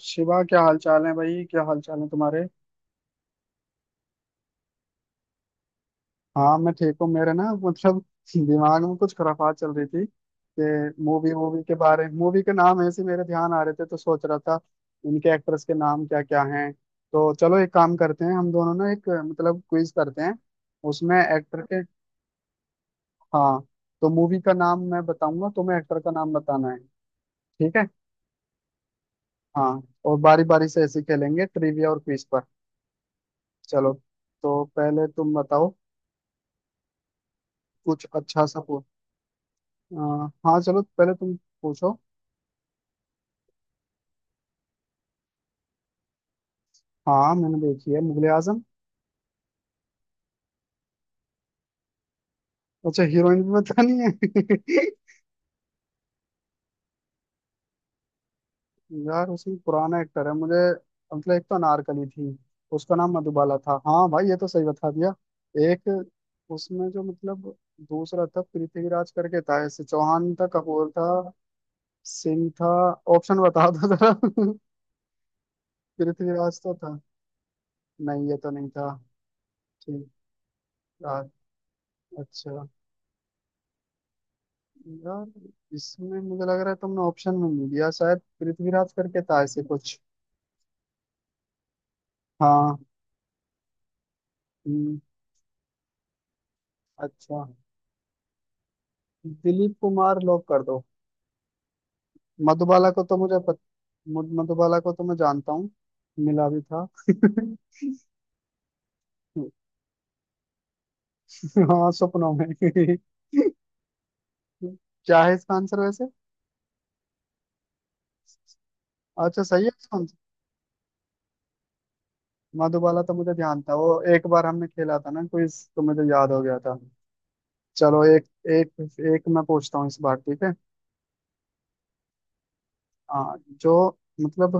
शिवा क्या हाल चाल है भाई। क्या हाल चाल है तुम्हारे। हाँ मैं ठीक हूँ। मेरे ना मतलब दिमाग में कुछ खराफात चल रही थी कि मूवी मूवी के बारे मूवी के नाम ऐसे मेरे ध्यान आ रहे थे तो सोच रहा था इनके एक्टर्स के नाम क्या क्या हैं। तो चलो एक काम करते हैं हम दोनों ना एक मतलब क्विज करते हैं उसमें एक्टर के। हाँ तो मूवी का नाम मैं बताऊंगा तुम्हें एक्टर का नाम बताना है। ठीक है। हाँ और बारी बारी से ऐसे ही खेलेंगे ट्रिविया और क्विज पर। चलो तो पहले तुम बताओ कुछ अच्छा सा पूछ। आ, हाँ चलो पहले तुम पूछो। हाँ मैंने देखी है मुगले आजम। अच्छा हीरोइन भी पता नहीं है। यार उसमें पुराना एक्टर है मुझे मतलब। एक तो अनारकली थी उसका नाम मधुबाला था। हाँ भाई ये तो सही बता दिया। एक उसमें जो मतलब दूसरा था पृथ्वीराज करके था ऐसे, चौहान था, कपूर था, सिंह था। ऑप्शन बता दो जरा। पृथ्वीराज तो था। नहीं ये तो नहीं था। ठीक। यार अच्छा। यार इसमें मुझे लग रहा है तुमने ऑप्शन में नहीं दिया, शायद पृथ्वीराज करके था ऐसे कुछ। हाँ। हम्म, अच्छा दिलीप कुमार लॉक कर दो। मधुबाला को तो मुझे पत... मधुबाला को तो मैं जानता हूँ मिला भी था। हाँ सपनों में। क्या है इसका आंसर वैसे। अच्छा सही है इसका आंसर। मधुबाला तो मुझे ध्यान था, वो एक बार हमने खेला था ना क्विज तो मुझे याद हो गया था। चलो एक एक एक मैं पूछता हूँ इस बार ठीक है। हाँ जो मतलब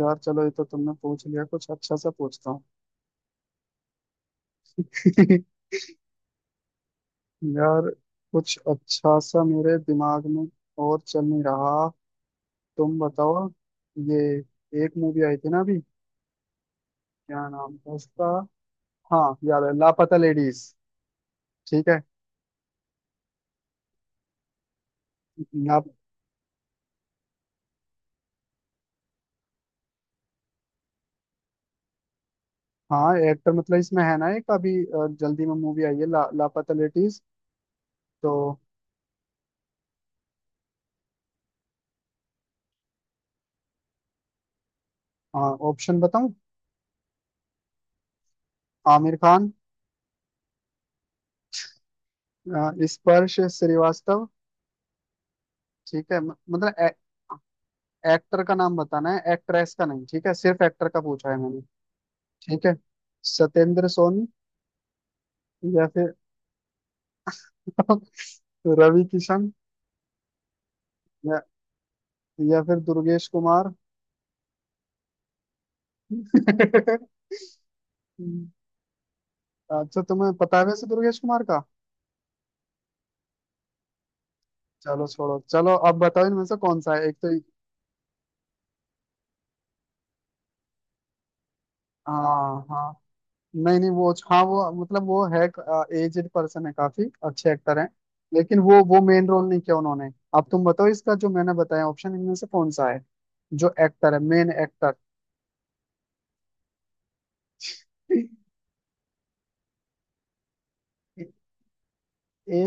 यार चलो ये तो तुमने पूछ लिया, कुछ अच्छा सा पूछता हूँ। यार कुछ अच्छा सा मेरे दिमाग में और चल नहीं रहा। तुम बताओ ये एक मूवी आई थी ना अभी, क्या नाम था उसका। हाँ याद है, लापता लेडीज। ठीक है। ला हाँ एक्टर मतलब इसमें है ना एक अभी जल्दी में मूवी आई है लापता लेडीज। तो हाँ ऑप्शन बताऊँ। आमिर खान, स्पर्श श्रीवास्तव। ठीक है मतलब एक्टर का नाम बताना है एक्ट्रेस का नहीं, ठीक है सिर्फ एक्टर का पूछा है मैंने। ठीक है। सत्येंद्र सोनी। या फिर रवि किशन। या या फिर दुर्गेश कुमार। अच्छा तुम्हें पता है वैसे दुर्गेश कुमार का। चलो छोड़ो, चलो अब बताओ इनमें से कौन सा है एक तो। हाँ हाँ। नहीं नहीं वो हाँ वो मतलब वो है, एजेड पर्सन है, काफी अच्छे एक्टर हैं लेकिन वो मेन रोल नहीं किया उन्होंने। अब तुम बताओ इसका जो मैंने बताया ऑप्शन इनमें से कौन सा है, जो एक्टर है मेन एक्टर। ए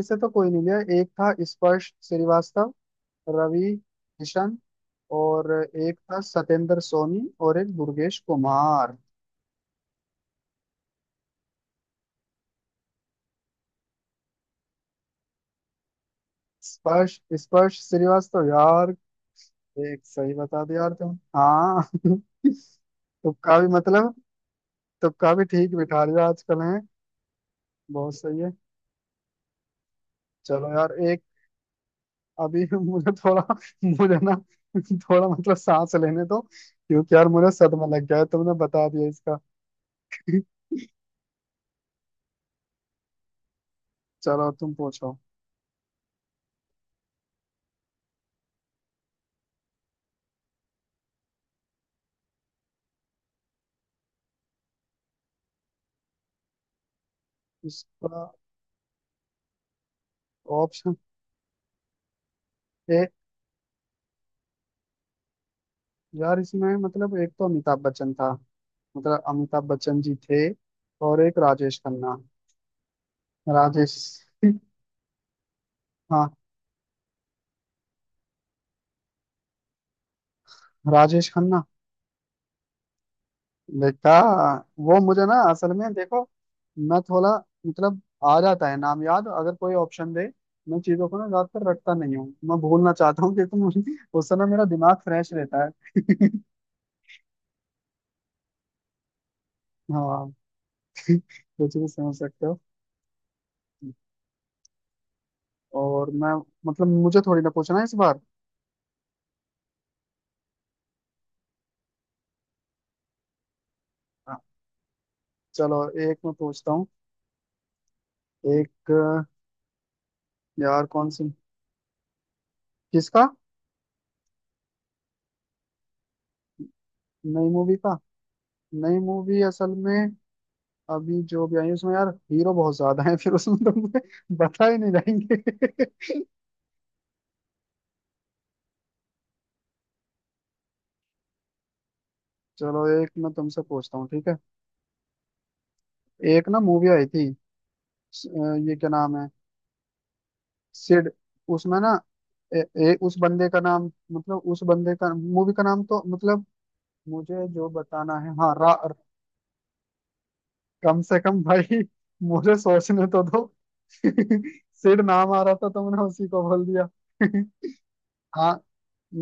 से तो कोई नहीं लिया, एक था स्पर्श श्रीवास्तव, रवि किशन, और एक था सत्येंद्र सोनी और एक दुर्गेश कुमार। स्पर्श स्पर्श श्रीवास्तव यार। एक सही बता दिया यार तुम, हाँ। तुक्का भी मतलब, तुक्का भी ठीक बिठा लिया आजकल है। बहुत सही है। चलो यार एक। अभी मुझे थोड़ा, मुझे ना थोड़ा मतलब सांस लेने दो, क्योंकि यार मुझे सदमा लग गया है तुमने बता दिया इसका। चलो तुम पूछो इसका ऑप्शन। ए यार इसमें मतलब एक तो अमिताभ बच्चन था, मतलब अमिताभ बच्चन जी थे, और एक राजेश खन्ना। राजेश हाँ राजेश खन्ना। देखा। वो मुझे ना असल में देखो, मैं थोड़ा मतलब आ जाता है नाम याद अगर कोई ऑप्शन दे। मैं चीजों को ना ज्यादातर रटता नहीं हूँ, मैं भूलना चाहता हूँ कि तुम, उस समय मेरा दिमाग फ्रेश रहता है। हाँ कुछ भी समझ सकते हो। और मैं मतलब मुझे थोड़ी ना पूछना है इस बार। हाँ, चलो एक मैं पूछता हूँ। एक यार कौन सी किसका। नई मूवी का, नई मूवी असल में अभी जो भी आई है उसमें यार हीरो बहुत ज्यादा है, फिर उसमें तुमसे बता ही नहीं जाएंगे। चलो एक मैं तुमसे पूछता हूँ ठीक है। एक ना मूवी आई थी ये क्या नाम है। सिड उसमें ना ए, ए, उस बंदे का नाम मतलब उस बंदे का मूवी का नाम तो मतलब मुझे जो बताना है हाँ कम से कम भाई मुझे सोचने तो दो। सिड नाम आ रहा था तो मैंने उसी को बोल दिया। हाँ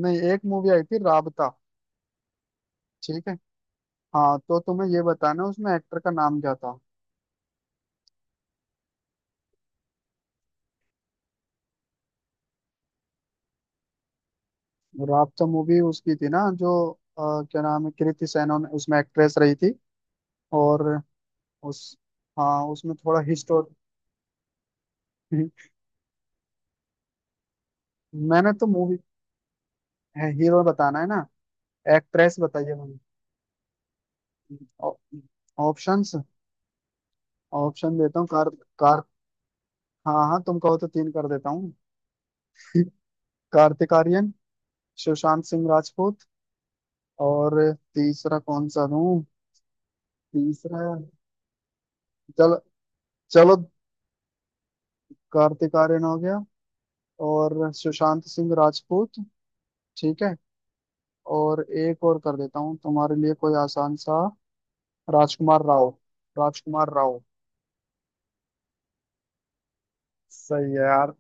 नहीं, एक मूवी आई थी राबता। ठीक है। हाँ तो तुम्हें ये बताना उसमें एक्टर का नाम क्या था। राबता मूवी उसकी थी ना जो अ, क्या नाम है कृति सेनन, उसमें एक्ट्रेस रही थी। और उस हाँ उसमें थोड़ा हिस्टोर। मैंने तो मूवी है, हीरो बताना है ना, एक्ट्रेस बताइए मैंने। ऑप्शंस ऑप्शन देता हूँ कार। कार। हाँ हाँ तुम कहो तो तीन कर देता हूँ। कार्तिक आर्यन, सुशांत सिंह राजपूत, और तीसरा कौन सा दूं। तीसरा। चल चलो कार्तिक आर्यन हो गया और सुशांत सिंह राजपूत। ठीक है। और एक और कर देता हूँ तुम्हारे लिए कोई आसान सा, राजकुमार राव। राजकुमार राव। सही है यार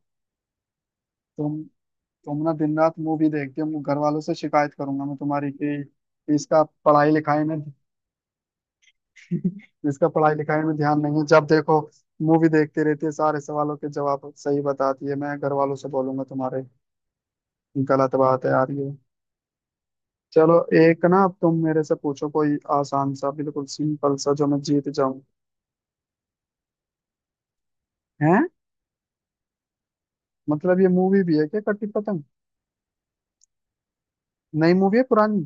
तुम तुम ना दिन रात मूवी देखती हो, घर वालों से शिकायत करूंगा मैं तुम्हारी कि इसका पढ़ाई लिखाई में। इसका पढ़ाई लिखाई में ध्यान नहीं है, जब देखो मूवी देखती रहती है, सारे सवालों के जवाब सही बताती है, मैं घर वालों से बोलूंगा तुम्हारे। गलत बात है यार ये। चलो एक ना अब तुम मेरे से पूछो कोई आसान सा बिल्कुल सिंपल सा जो मैं जीत जाऊं। हैं। मतलब ये मूवी भी है क्या कटी पतंग। नई मूवी है पुरानी।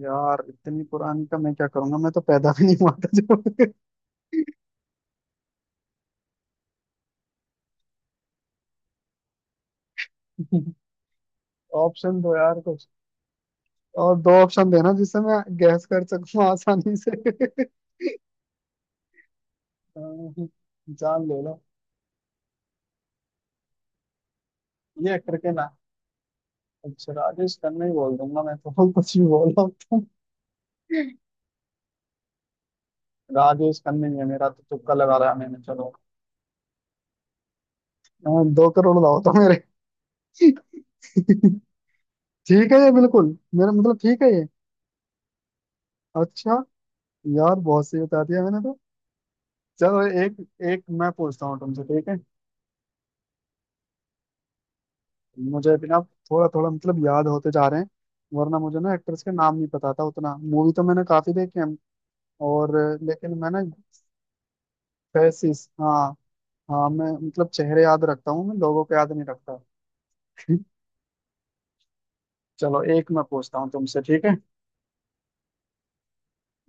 यार इतनी पुरानी का मैं क्या करूंगा, मैं तो पैदा भी नहीं हुआ था जब। ऑप्शन दो यार कुछ, और दो ऑप्शन देना जिससे मैं गैस कर सकूं आसानी से। अह, जान ले लो। ये एक्टर के नाम। अच्छा राजेश खन्ना ही बोल दूंगा मैं तो, कुछ भी बोल रहा हूं। राजेश खन्ना ही है मेरा, तो तुक्का लगा रहा है मैंने चलो। हाँ, 2 करोड़ लाओ तो मेरे। ठीक है ये बिल्कुल, मेरा मतलब ठीक है ये। अच्छा यार बहुत सही बता दिया मैंने तो। चलो एक एक मैं पूछता हूँ तुमसे ठीक है। मुझे भी ना थोड़ा थोड़ा मतलब याद होते जा रहे हैं, वरना मुझे ना एक्ट्रेस के नाम नहीं पता था उतना, मूवी तो मैंने काफी देखी है। और लेकिन मैं ना। फेसिस हाँ। हाँ मैं मतलब चेहरे याद रखता हूँ, मैं लोगों को याद नहीं रखता। चलो एक मैं पूछता हूँ तुमसे ठीक है।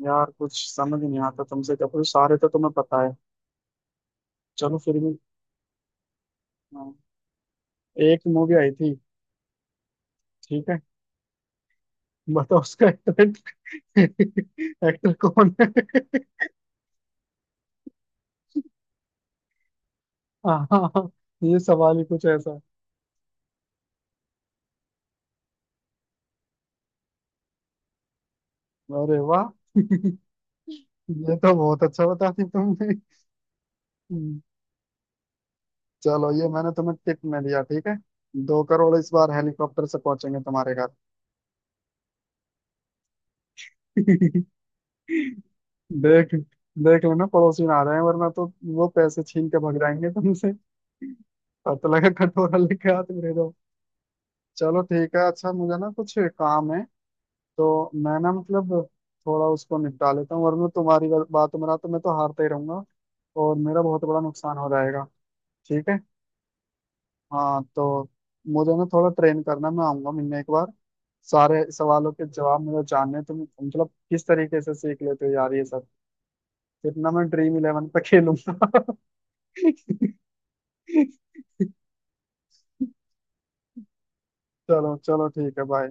यार कुछ समझ नहीं आता तुमसे क्या पूछ, सारे तो तुम्हें पता है। चलो फिर भी। हाँ। एक मूवी आई थी। ठीक है। बताओ उसका एक्टर, एक्टर कौन है। हाँ हाँ, हाँ, ये सवाल ही कुछ ऐसा। अरे वाह, ये तो बहुत अच्छा बता दी तुमने। हम्म, चलो ये मैंने तुम्हें टिप में दिया ठीक है। 2 करोड़ इस बार, हेलीकॉप्टर से पहुंचेंगे तुम्हारे घर। देख देख लेना पड़ोसी ना आ रहे हैं वरना तो वो पैसे छीन के भाग जाएंगे तुमसे। पता लगा कटोरा लेके हाथ में दे दो। चलो ठीक है, अच्छा मुझे ना कुछ काम है तो मैं ना मतलब थोड़ा उसको निपटा लेता हूँ, वरना तुम्हारी बातों में ना तो मैं तो हारता ही रहूंगा और मेरा बहुत बड़ा नुकसान हो जाएगा। ठीक है। हाँ तो मुझे ना थोड़ा ट्रेन करना, मैं आऊंगा मिलने एक बार। सारे सवालों के जवाब मुझे जानने हैं। तुम मतलब किस तरीके से सीख लेते हो यार ये सब। फिर ना मैं Dream11 पे खेलूंगा। चलो चलो ठीक है बाय।